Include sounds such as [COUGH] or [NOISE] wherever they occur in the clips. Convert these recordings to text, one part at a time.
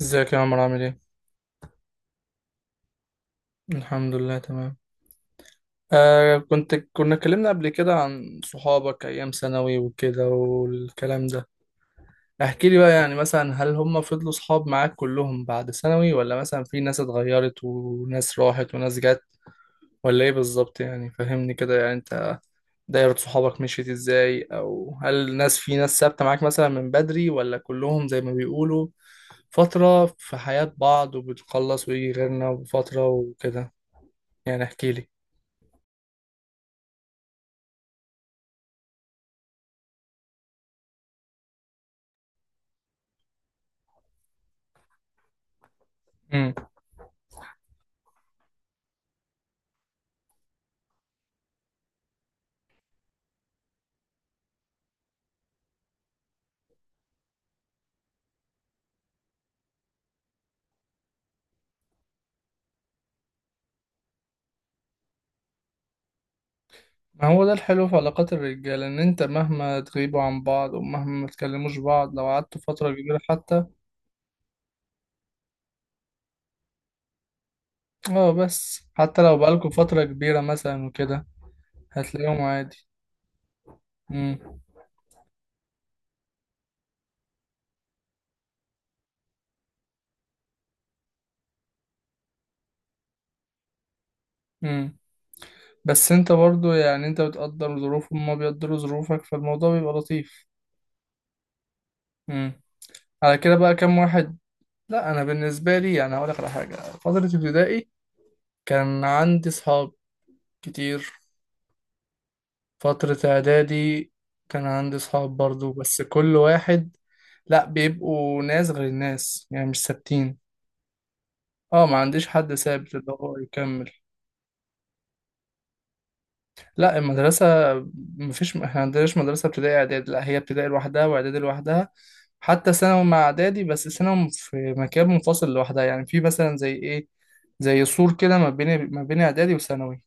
ازيك يا عمرو عامل ايه؟ الحمد لله تمام. آه كنت كنا اتكلمنا قبل كده عن صحابك ايام ثانوي وكده والكلام ده. احكي لي بقى، يعني مثلا هل هم فضلوا صحاب معاك كلهم بعد ثانوي، ولا مثلا في ناس اتغيرت وناس راحت وناس جت، ولا ايه بالظبط؟ يعني فهمني كده، يعني انت دايرة صحابك مشيت ازاي، او هل ناس في ناس ثابتة معاك مثلا من بدري، ولا كلهم زي ما بيقولوا فترة في حياة بعض وبتخلص ويجي غيرنا وفترة وكده؟ يعني احكي لي. ما هو ده الحلو في علاقات الرجالة، إن أنت مهما تغيبوا عن بعض ومهما ما تكلموش بعض لو قعدتوا فترة كبيرة حتى. اه، بس حتى لو بقالكوا فترة كبيرة مثلا وكده هتلاقيهم عادي. مم. مم. بس أنت برضو يعني أنت بتقدر ظروفهم وما بيقدروا ظروفك، فالموضوع بيبقى لطيف. مم. على كده بقى كام واحد؟ لا، أنا بالنسبة لي يعني هقولك على حاجة. فترة ابتدائي كان عندي صحاب كتير. فترة إعدادي كان عندي صحاب برضو، بس كل واحد. لأ، بيبقوا ناس غير الناس يعني، مش ثابتين. اه، ما عنديش حد ثابت اللي هو يكمل. لأ، المدرسة مفيش، احنا عندناش مدرسة ابتدائي إعدادي، لأ هي ابتدائي لوحدها وإعدادي لوحدها. حتى ثانوي مع إعدادي بس ثانوي في مكان منفصل لوحدها، يعني في مثلا زي إيه، زي سور كده ما بين إعدادي وثانوي.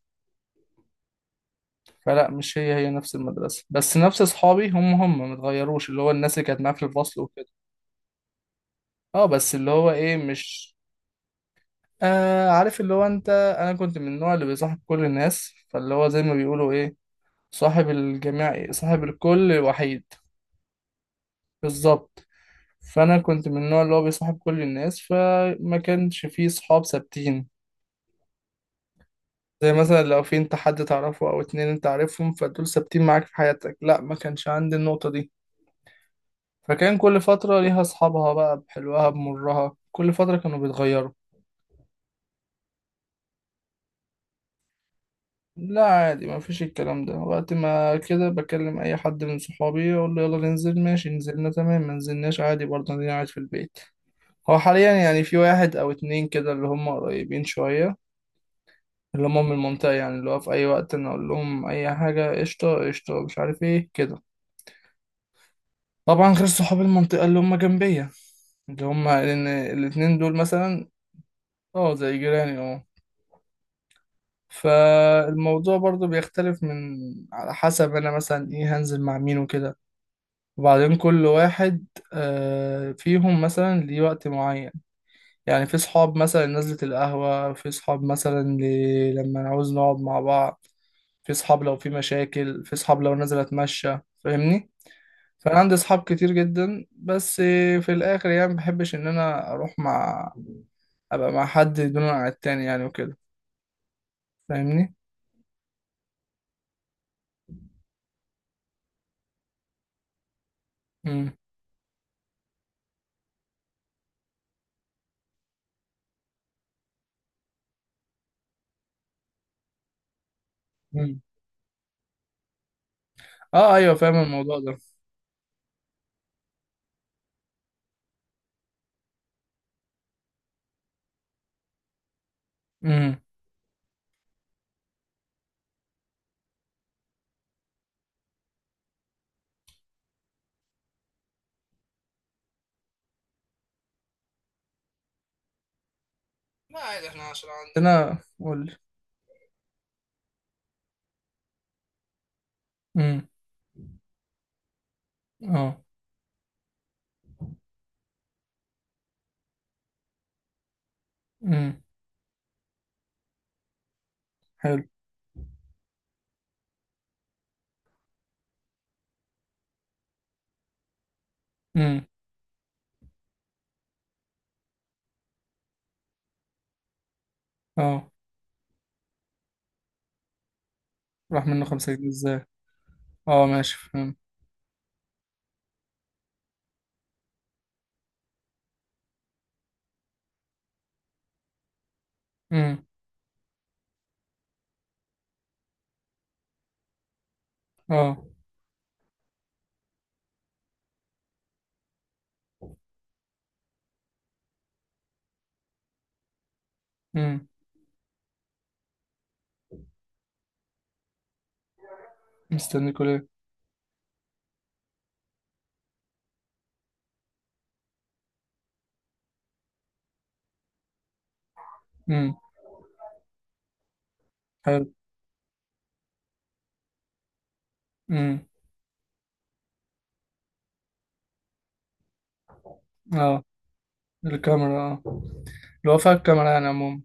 فلا، مش هي هي نفس المدرسة، بس نفس أصحابي هم هم متغيروش، اللي هو الناس اللي كانت معايا في الفصل. اه، بس اللي هو ايه، مش عارف اللي هو انت. انا كنت من النوع اللي بيصاحب كل الناس، فاللي هو زي ما بيقولوا ايه، صاحب الجميع إيه؟ صاحب الكل وحيد. بالظبط. فانا كنت من النوع اللي هو بيصاحب كل الناس، فما كانش فيه صحاب ثابتين. زي مثلا لو في انت حد تعرفه او اتنين انت عارفهم، فدول ثابتين معاك في حياتك، لا، ما كانش عندي النقطة دي. فكان كل فترة ليها اصحابها بقى، بحلوها بمرها، كل فترة كانوا بيتغيروا. لا عادي، ما فيش الكلام ده، وقت ما كده بكلم اي حد من صحابي اقول له يلا ننزل، ماشي نزلنا تمام، ما نزلناش عادي برضه انا قاعد في البيت. هو حاليا يعني في واحد او اتنين كده اللي هم قريبين شوية، اللي هم من المنطقة، يعني اللي هو في اي وقت انا اقول لهم اي حاجة قشطة قشطة، مش عارف ايه كده. طبعا غير صحاب المنطقة اللي هم جنبية، اللي هما لأن الاتنين دول مثلا، اه زي جيراني اه. فالموضوع برضو بيختلف من، على حسب أنا مثلا إيه هنزل مع مين وكده. وبعدين كل واحد فيهم مثلا ليه وقت معين، يعني في صحاب مثلا نزلة القهوة، في صحاب مثلا لما نعوز نقعد مع بعض، في صحاب لو في مشاكل، في صحاب لو نازل اتمشى، فاهمني. فانا عندي صحاب كتير جدا، بس في الاخر يعني مبحبش ان انا اروح مع، ابقى مع حد دون عن التاني يعني وكده، فاهمني. امم. امم. اه ايوه فاهم الموضوع ده. امم. لا عادي، احنا عشان عندنا قول. امم. اه. مم. حلو. امم. اه. راح منه 5 جنيه ازاي؟ اه ماشي فاهم. امم. اه. امم. مستنيكوا ليه؟ امم. حلو. امم. اه. الكاميرا اه، اللي هو فيها الكاميرا يعني عموما.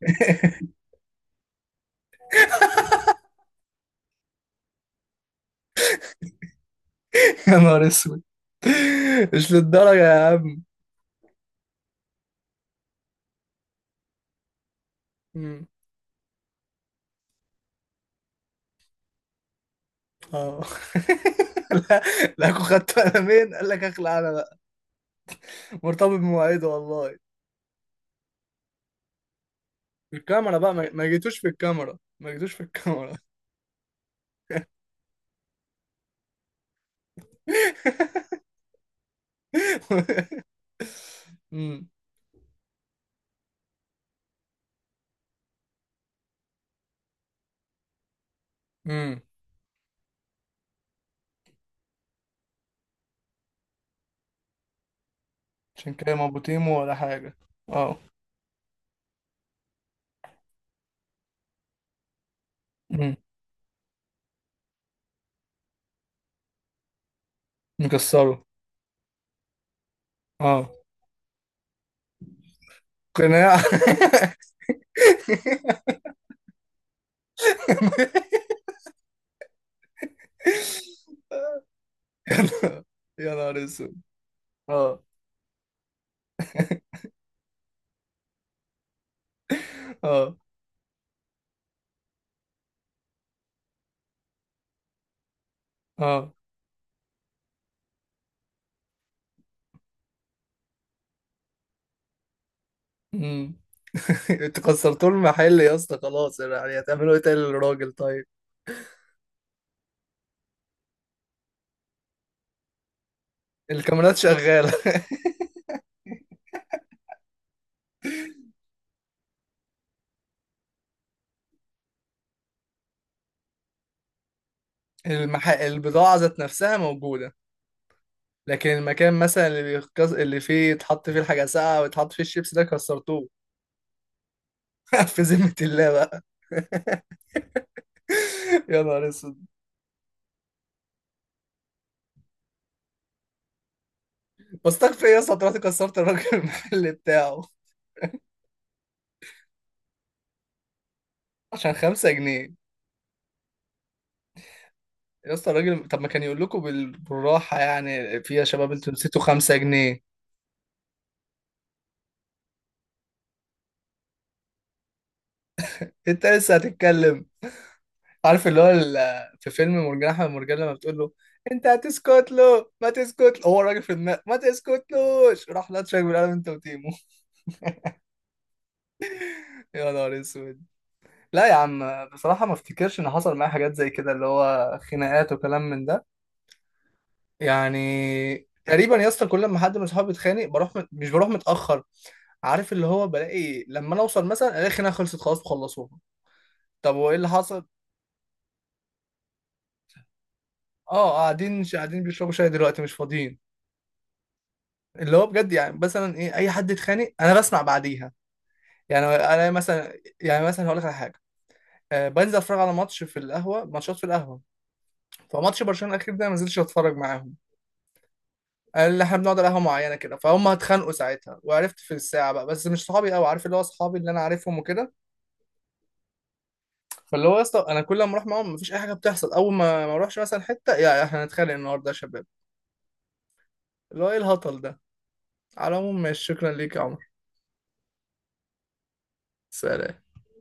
[LAUGHS] يا نهار اسود. مش للدرجة يا عم. امم. اه. [LAUGHS] لا. لا أكون خدت قلمين، قال لك اخلع انا بقى، مرتبط بمواعيده والله. الكاميرا بقى، ما جيتوش في الكاميرا، ما جيتوش في الكاميرا. [LAUGHS] [LAUGHS] امم. امم. عشان كده ما بوتيمو ولا حاجة. اه. امم. مكسره. اه قناع. [LAUGHS] يا نهار يا نهار اسود. اه. [LAUGHS] اه. اه. امم. [LAUGHS] انت كسرتوا المحل يا اسطى خلاص، يعني هتعملوا ايه تاني للراجل طيب؟ الكاميرات شغالة. [LAUGHS] البضاعة ذات نفسها موجودة. لكن المكان مثلا اللي فيه يتحط فيه الحاجة ساقعة ويتحط فيه الشيبس ده كسرتوه. [LAUGHS] في ذمة الله بقى. [LAUGHS] يا نهار اسود. بستغفر ايه يا اسطى، طلعت كسرت الراجل [LAUGHS] المحل بتاعه عشان 5 جنيه. يا اسطى الراجل طب ما كان يقول لكم بالراحة يعني، في يا شباب انتوا نسيتوا 5 جنيه. انت لسه هتتكلم، عارف اللي هو في فيلم مرجان احمد مرجان لما بتقول له، انت هتسكت له، ما تسكت له هو الراجل في دماغه، ما تسكتلوش راح لطشك بالقلم انت وتيمو. [LAUGHS] يا نهار اسود. لا يا عم، بصراحة ما افتكرش ان حصل معايا حاجات زي كده، اللي هو خناقات وكلام من ده يعني. تقريبا يا اسطى كل ما حد من صحابي بيتخانق بروح مش بروح متأخر، عارف اللي هو بلاقي لما انا اوصل مثلا الاقي الخناقة خلصت خلاص وخلصوها. طب وايه اللي حصل؟ اه قاعدين، مش قاعدين بيشربوا شاي دلوقتي مش فاضيين. اللي هو بجد يعني مثلا ايه، اي حد يتخانق انا بسمع بعديها. يعني انا مثلا، يعني مثلا هقول لك على حاجة بنزل اتفرج على ماتش في القهوة، ماتشات في القهوة. فماتش برشلونة الأخير ده ما نزلتش أتفرج معاهم، اللي احنا بنقعد على قهوه معينه كده، فهم اتخانقوا ساعتها وعرفت في الساعه بقى، بس مش صحابي قوي، عارف اللي هو اصحابي اللي انا عارفهم وكده. فاللي هو يا اسطى انا كل ما اروح معاهم مفيش اي حاجه بتحصل، اول ما ما اروحش مثلا حته، يا احنا هنتخانق النهارده يا شباب. اللي هو ايه الهطل ده. على العموم ماشي، شكرا ليك يا عمر. سلام.